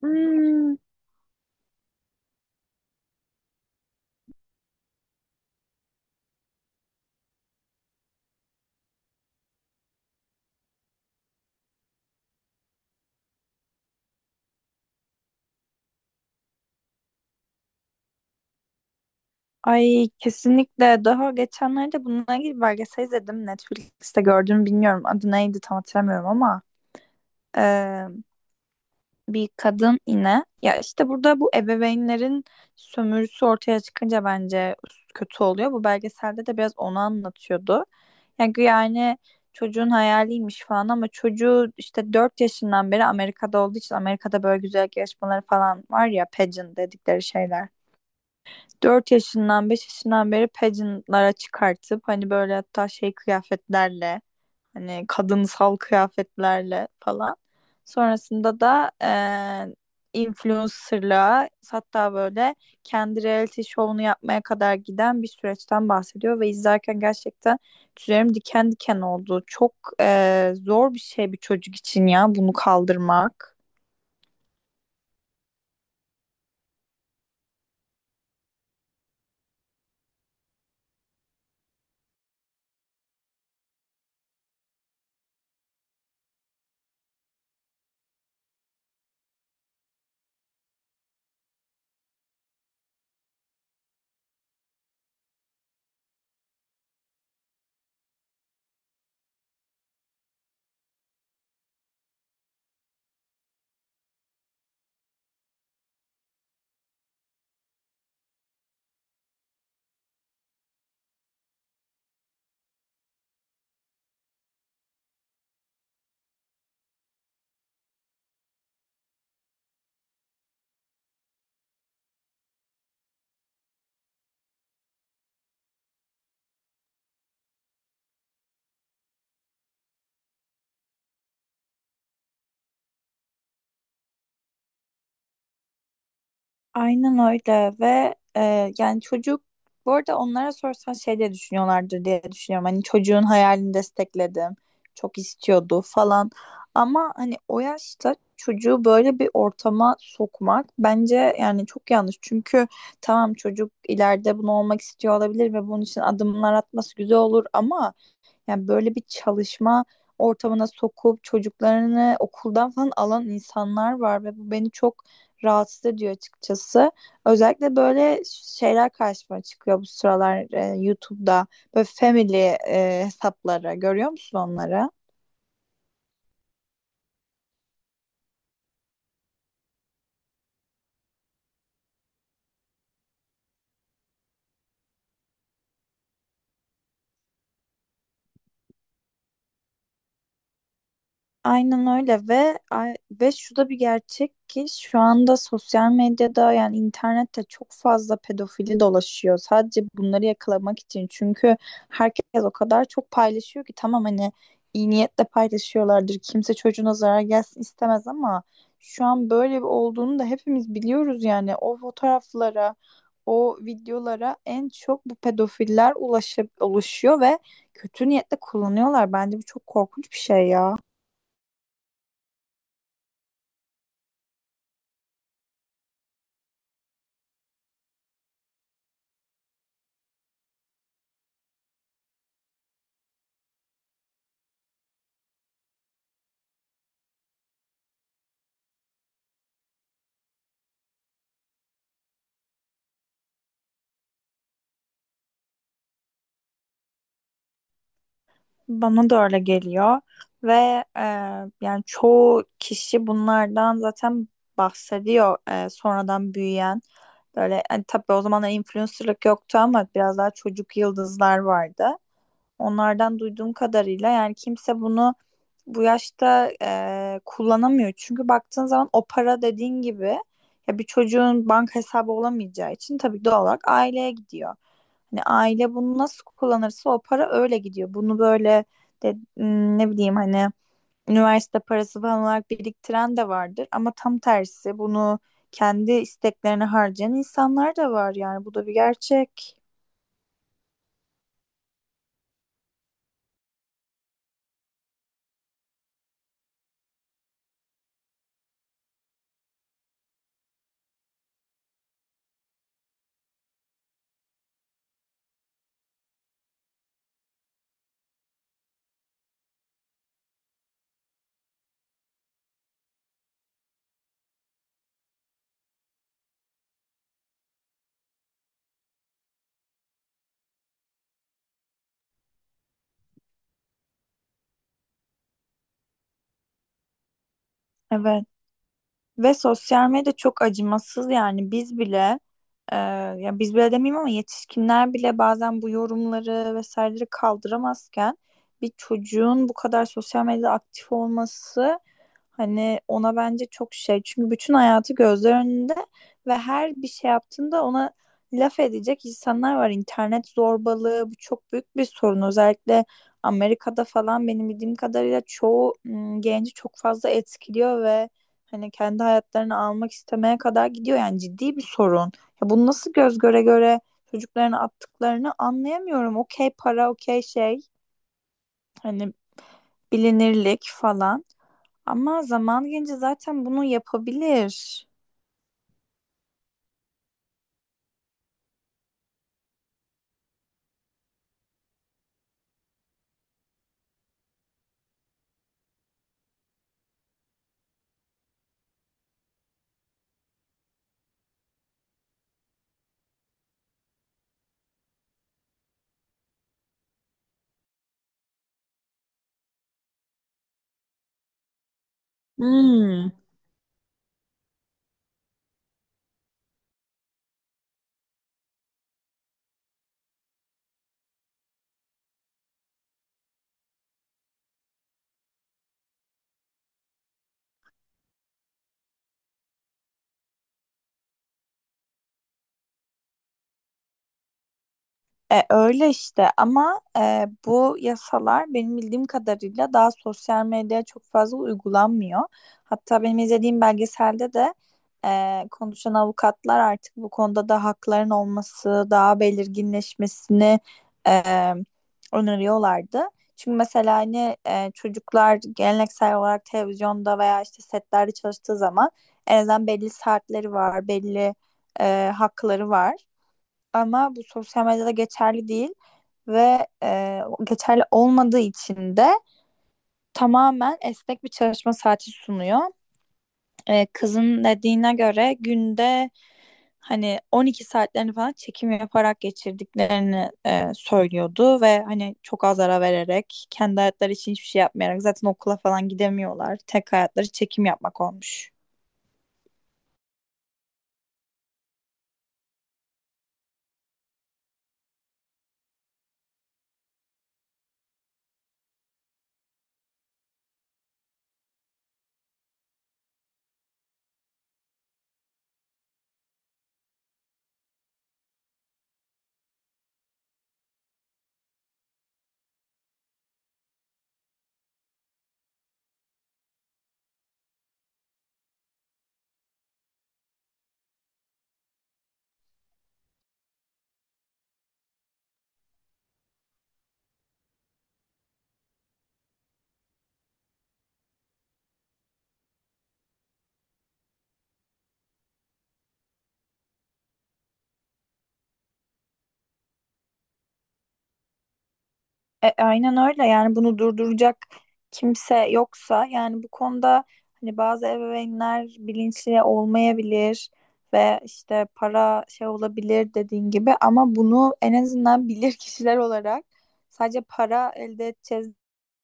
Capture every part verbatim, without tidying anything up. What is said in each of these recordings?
Hmm, ay kesinlikle. Daha geçenlerde bununla ilgili belgesel izledim. Netflix'te gördüm bilmiyorum. Adı neydi tam hatırlamıyorum ama eee, bir kadın yine. Ya işte burada bu ebeveynlerin sömürüsü ortaya çıkınca bence kötü oluyor. Bu belgeselde de biraz onu anlatıyordu. Yani yani çocuğun hayaliymiş falan ama çocuğu işte dört yaşından beri Amerika'da olduğu için Amerika'da böyle güzellik yarışmaları falan var ya pageant dedikleri şeyler. Dört yaşından beş yaşından beri pageantlara çıkartıp hani böyle hatta şey kıyafetlerle hani kadınsal kıyafetlerle falan. Sonrasında da eee influencerlığa hatta böyle kendi reality show'unu yapmaya kadar giden bir süreçten bahsediyor ve izlerken gerçekten tüylerim diken diken oldu. Çok eee, zor bir şey bir çocuk için ya bunu kaldırmak. Aynen öyle ve e, yani çocuk bu arada onlara sorsan şey diye düşünüyorlardır diye düşünüyorum. Hani çocuğun hayalini destekledim. Çok istiyordu falan. Ama hani o yaşta çocuğu böyle bir ortama sokmak bence yani çok yanlış. Çünkü tamam çocuk ileride bunu olmak istiyor olabilir ve bunun için adımlar atması güzel olur ama yani böyle bir çalışma ortamına sokup çocuklarını okuldan falan alan insanlar var ve bu beni çok rahatsız ediyor açıkçası. Özellikle böyle şeyler karşıma çıkıyor bu sıralar e, YouTube'da. Böyle family e, hesapları görüyor musun onları? Aynen öyle ve ay- ve şu da bir gerçek ki şu anda sosyal medyada yani internette çok fazla pedofili dolaşıyor. Sadece bunları yakalamak için çünkü herkes o kadar çok paylaşıyor ki tamam hani iyi niyetle paylaşıyorlardır. Kimse çocuğuna zarar gelsin istemez ama şu an böyle bir olduğunu da hepimiz biliyoruz yani o fotoğraflara, o videolara en çok bu pedofiller ulaşıp oluşuyor ve kötü niyetle kullanıyorlar. Bence bu çok korkunç bir şey ya. Bana da öyle geliyor ve e, yani çoğu kişi bunlardan zaten bahsediyor e, sonradan büyüyen böyle hani tabii o zamanlar influencerlık yoktu ama biraz daha çocuk yıldızlar vardı. Onlardan duyduğum kadarıyla yani kimse bunu bu yaşta e, kullanamıyor. Çünkü baktığın zaman o para dediğin gibi ya bir çocuğun banka hesabı olamayacağı için tabii doğal olarak aileye gidiyor. Hani aile bunu nasıl kullanırsa o para öyle gidiyor. Bunu böyle de, m, ne bileyim hani üniversite parası falan olarak biriktiren de vardır. Ama tam tersi bunu kendi isteklerine harcayan insanlar da var yani bu da bir gerçek. Evet. Ve sosyal medya çok acımasız yani biz bile e, ya biz bile demeyeyim ama yetişkinler bile bazen bu yorumları vesaireleri kaldıramazken bir çocuğun bu kadar sosyal medyada aktif olması hani ona bence çok şey. Çünkü bütün hayatı gözler önünde ve her bir şey yaptığında ona laf edecek insanlar var. İnternet zorbalığı bu çok büyük bir sorun. Özellikle Amerika'da falan benim bildiğim kadarıyla çoğu mm, genci çok fazla etkiliyor ve hani kendi hayatlarını almak istemeye kadar gidiyor yani ciddi bir sorun. Ya bunu nasıl göz göre göre çocuklarını attıklarını anlayamıyorum. Okey para, okey şey, hani bilinirlik falan. Ama zaman gelince zaten bunu yapabilir. Hmm. E, öyle işte ama e, bu yasalar benim bildiğim kadarıyla daha sosyal medyaya çok fazla uygulanmıyor. Hatta benim izlediğim belgeselde de e, konuşan avukatlar artık bu konuda da hakların olması, daha belirginleşmesini e, öneriyorlardı. Çünkü mesela hani e, çocuklar geleneksel olarak televizyonda veya işte setlerde çalıştığı zaman en azından belli saatleri var, belli e, hakları var. Ama bu sosyal medyada geçerli değil ve e, geçerli olmadığı için de tamamen esnek bir çalışma saati sunuyor. E, kızın dediğine göre günde hani on iki saatlerini falan çekim yaparak geçirdiklerini e, söylüyordu ve hani çok az ara vererek kendi hayatları için hiçbir şey yapmayarak zaten okula falan gidemiyorlar. Tek hayatları çekim yapmak olmuş. E, aynen öyle yani bunu durduracak kimse yoksa yani bu konuda hani bazı ebeveynler bilinçli olmayabilir ve işte para şey olabilir dediğin gibi ama bunu en azından bilir kişiler olarak sadece para elde edeceğiz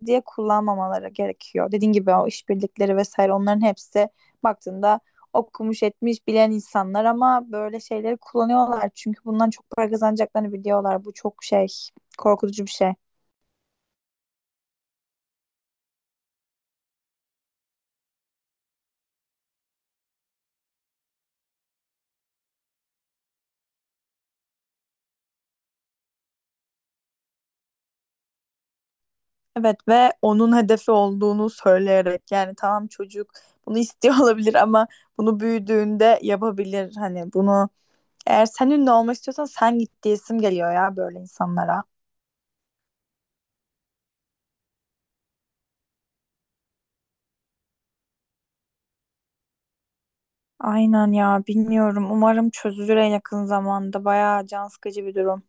diye kullanmamaları gerekiyor. Dediğin gibi o işbirlikleri vesaire onların hepsi baktığında okumuş etmiş bilen insanlar ama böyle şeyleri kullanıyorlar çünkü bundan çok para kazanacaklarını biliyorlar. Bu çok şey korkutucu bir şey. Evet ve onun hedefi olduğunu söyleyerek yani tamam çocuk bunu istiyor olabilir ama bunu büyüdüğünde yapabilir. Hani bunu eğer sen ünlü olmak istiyorsan sen git diyesim geliyor ya böyle insanlara. Aynen ya bilmiyorum. Umarım çözülür en yakın zamanda. Bayağı can sıkıcı bir durum.